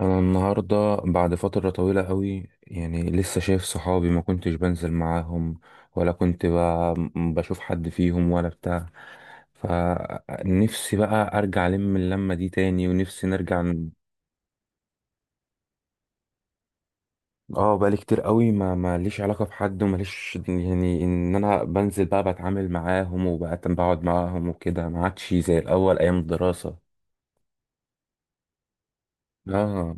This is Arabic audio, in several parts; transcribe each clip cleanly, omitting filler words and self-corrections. انا النهارده بعد فتره طويله قوي، يعني لسه شايف صحابي. ما كنتش بنزل معاهم ولا بشوف حد فيهم ولا بتاع. فنفسي بقى ارجع اللمه دي تاني، ونفسي نرجع اه بقالي كتير قوي ما ليش علاقه بحد، وما ليش يعني ان انا بنزل بقى بتعامل معاهم وبقى بقعد معاهم وكده. ما عادش زي الاول ايام الدراسه. اه،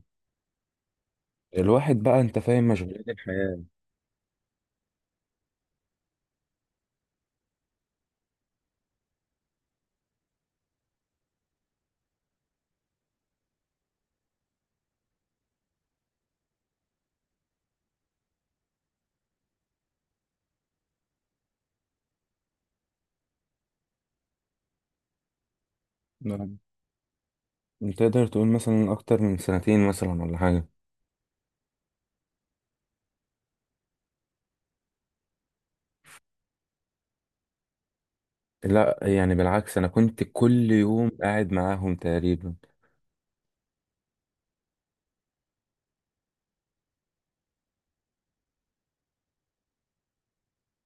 الواحد بقى انت فاهم، مشغولات الحياه. تقدر تقول مثلا اكتر من 2 سنين مثلا ولا حاجه. لا، يعني بالعكس، انا كنت كل يوم قاعد معاهم تقريبا.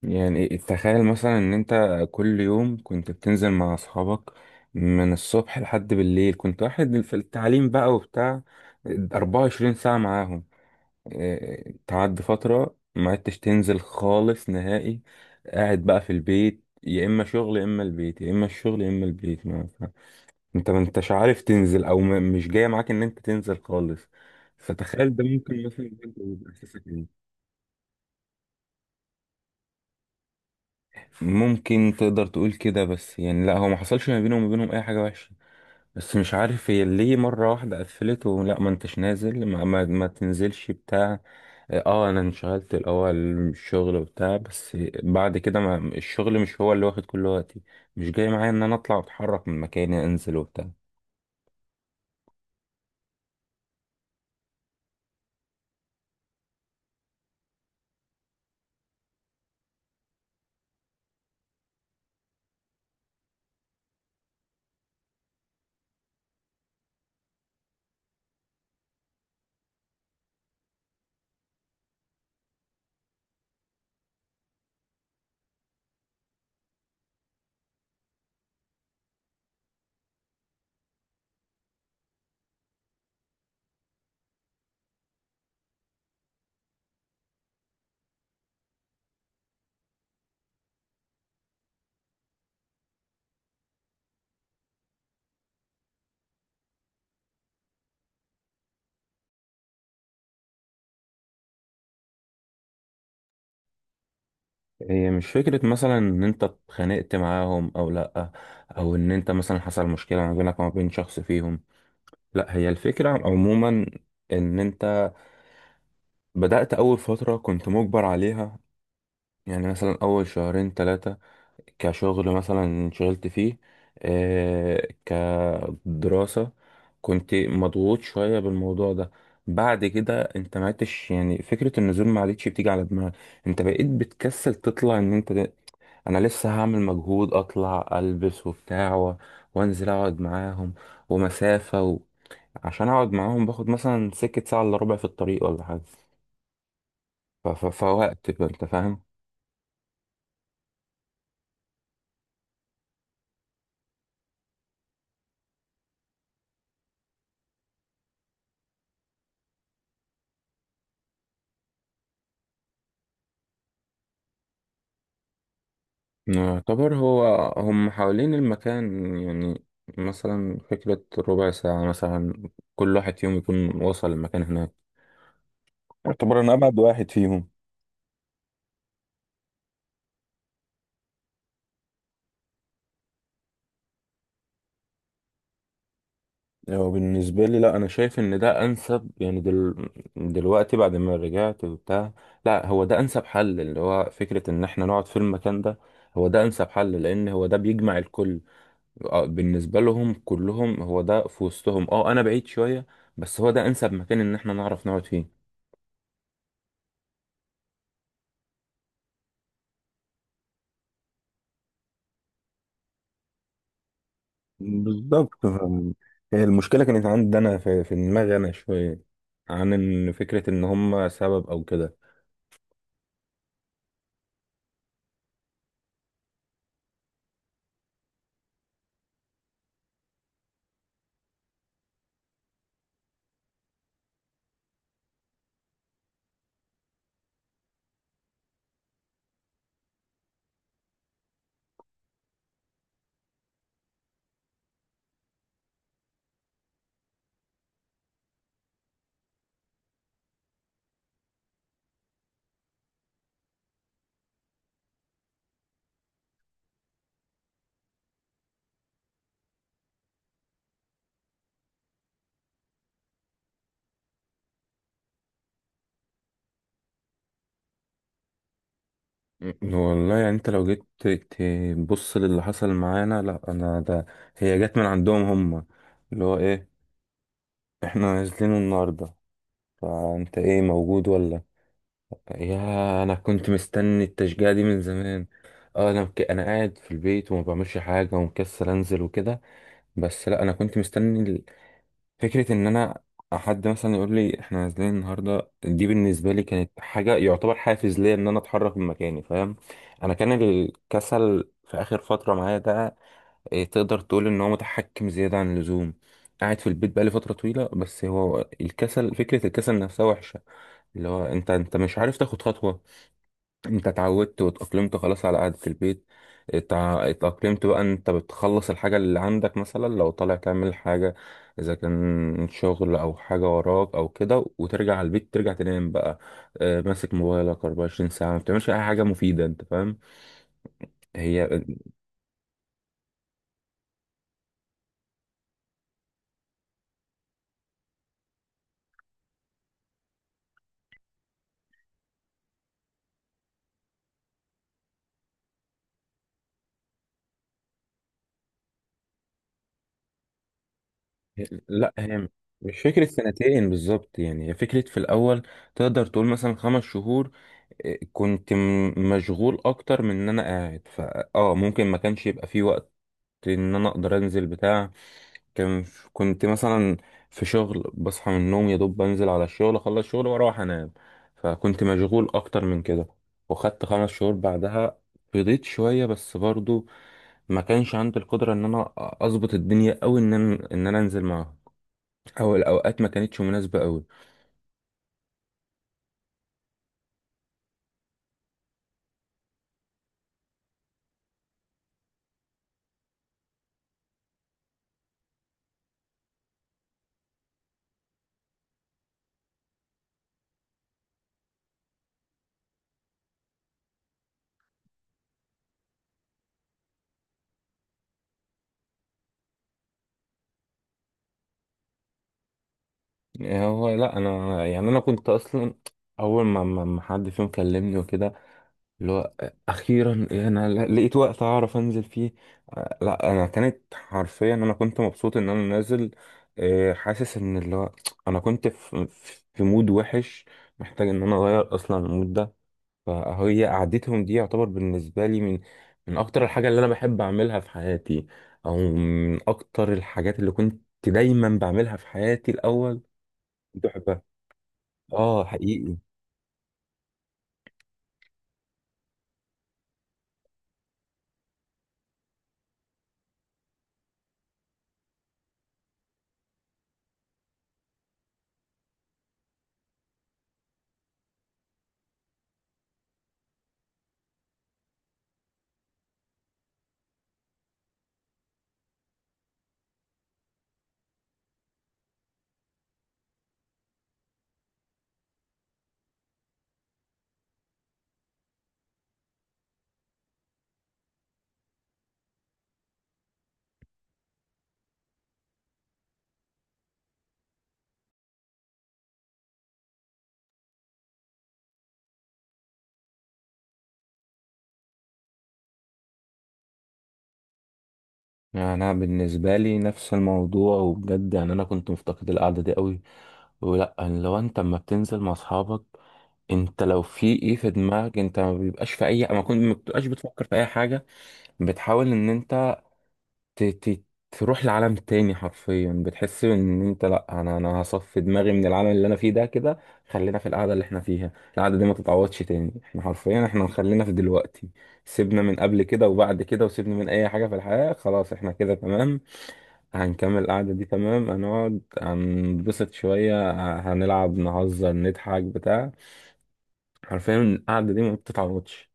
يعني تخيل مثلا ان انت كل يوم كنت بتنزل مع اصحابك من الصبح لحد بالليل. كنت واحد في التعليم بقى وبتاع، 24 ساعه معاهم. إيه، تعدي فتره ما عدتش تنزل خالص نهائي. قاعد بقى في البيت، يا اما شغل يا اما البيت، يا اما الشغل يا اما البيت. انت ما انتش عارف تنزل، او مش جاية معاك ان انت تنزل خالص. فتخيل ده ممكن مثلا يبقى احساسك ايه. ممكن تقدر تقول كده، بس يعني لا، هو ما حصلش ما بينه وما بينهم اي حاجة وحشة. بس مش عارف هي ليه مرة واحدة قفلت، ولا ما انتش نازل، ما تنزلش بتاع. اه، انا انشغلت الاول من الشغل وبتاع، بس بعد كده ما الشغل مش هو اللي واخد كل وقتي. مش جاي معايا ان انا اطلع واتحرك من مكاني، انزل وبتاع. هي مش فكرة مثلا إن أنت اتخانقت معاهم أو لأ، أو إن أنت مثلا حصل مشكلة ما بينك وما بين شخص فيهم. لأ، هي الفكرة عموما إن أنت بدأت أول فترة كنت مجبر عليها. يعني مثلا أول شهرين تلاتة كشغل مثلا انشغلت فيه. آه، كدراسة. كنت مضغوط شوية بالموضوع ده. بعد كده انت ما عدتش يعني فكرة النزول ما عادتش بتيجي على دماغك. انت بقيت بتكسل تطلع. ان انت انا لسه هعمل مجهود، اطلع البس وبتاع وانزل اقعد معاهم. ومسافة. عشان اقعد معاهم باخد مثلا سكة ساعة الا ربع في الطريق ولا حاجة. فوقت بقى، انت فاهم. يعتبر هو، هم حوالين المكان يعني. مثلا فكرة ربع ساعة مثلا كل واحد فيهم يكون وصل المكان هناك. يعتبر أنا أبعد واحد فيهم. هو بالنسبة لي لا، أنا شايف إن ده أنسب. يعني دلوقتي بعد ما رجعت وبتاع، لا هو ده أنسب حل، اللي هو فكرة إن إحنا نقعد في المكان ده. هو ده أنسب حل لأن هو ده بيجمع الكل. آه، بالنسبة لهم كلهم هو ده في وسطهم، أه أنا بعيد شوية، بس هو ده أنسب مكان إن إحنا نعرف نقعد فيه. بالظبط فاهم. هي المشكلة كانت عندي أنا في دماغي أنا شوية، عن إن فكرة إن هما سبب أو كده. والله يعني أنت لو جيت تبص للي حصل معانا، لأ أنا ده، هي جت من عندهم هما. اللي هو إيه، إحنا نازلين النهاردة، فأنت إيه موجود ولا. يا أنا كنت مستني التشجيع دي من زمان. اه، انا قاعد في البيت وما بعملش حاجه ومكسل انزل وكده. بس لا، انا كنت مستني فكرة إن أنا حد مثلا يقول لي إحنا نازلين النهاردة. دي بالنسبة لي كانت حاجة يعتبر حافز ليا إن أنا أتحرك من مكاني، فاهم. أنا كان الكسل في آخر فترة معايا ده، إيه، تقدر تقول إن هو متحكم زيادة عن اللزوم. قاعد في البيت بقالي فترة طويلة. بس هو الكسل، فكرة الكسل نفسها وحشة. اللي هو أنت، أنت مش عارف تاخد خطوة. انت اتعودت واتأقلمت خلاص على قعدة البيت. اتأقلمت بقى. انت بتخلص الحاجة اللي عندك، مثلا لو طالع تعمل حاجة، اذا كان شغل او حاجة وراك او كده، وترجع على البيت، ترجع تنام بقى. اه، ماسك موبايلك 24 ساعة، ما بتعملش اي حاجة مفيدة، انت فاهم. هي لا، هي مش فكرة سنتين بالظبط. يعني هي فكرة في الأول تقدر تقول مثلا 5 شهور. اه، كنت مشغول أكتر من إن أنا قاعد، فأه ممكن ما كانش يبقى فيه وقت ان انا اقدر انزل بتاع. كان، كنت مثلا في شغل، بصحى من النوم يا دوب بنزل على الشغل، اخلص شغل واروح انام. فكنت مشغول اكتر من كده. وخدت 5 شهور بعدها فضيت شوية، بس برضو ما كانش عندي القدرة ان انا اظبط الدنيا او ان انا انزل معاهم. او الاوقات ما كانتش مناسبة قوي. يعني هو لا، انا يعني انا كنت اصلا اول ما حد فيهم كلمني وكده، اللي هو اخيرا انا لقيت وقت اعرف انزل فيه. آه، لا، انا كانت حرفيا انا كنت مبسوط ان انا نازل. آه، حاسس ان اللي هو انا كنت في في مود وحش، محتاج ان انا اغير اصلا المود ده. فهي قعدتهم دي يعتبر بالنسبه لي من اكتر الحاجه اللي انا بحب اعملها في حياتي، او من اكتر الحاجات اللي كنت دايما بعملها في حياتي الاول. كنت بحبها. اه، حقيقي. يعني انا بالنسبه لي نفس الموضوع، وبجد يعني انا كنت مفتقد القعده دي قوي. ولا يعني لو انت اما بتنزل مع اصحابك، انت لو في ايه في دماغك انت ما بيبقاش في اي، ما كنت ما بتبقاش بتفكر في اي حاجه. بتحاول ان انت ت... ت... تروح لعالم تاني. حرفيا بتحس ان انت، لا انا، انا هصفي دماغي من العالم اللي انا فيه ده كده. خلينا في القعده اللي احنا فيها، القعده دي ما تتعوضش تاني. احنا حرفيا احنا خلينا في دلوقتي. سيبنا من قبل كده وبعد كده، وسيبنا من اي حاجه في الحياه، خلاص احنا كده تمام. هنكمل القعدة دي تمام، هنقعد هنبسط شوية، هنلعب، نهزر، نضحك بتاع. حرفيا القعدة دي ما بتتعوضش.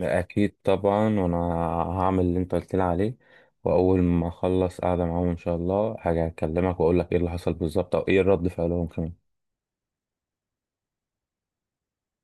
أكيد طبعا، وأنا هعمل اللي أنت قلت لي عليه. وأول ما أخلص قعدة معاهم إن شاء الله هاجي أكلمك وأقول لك إيه اللي حصل بالظبط، أو إيه رد فعلهم كمان.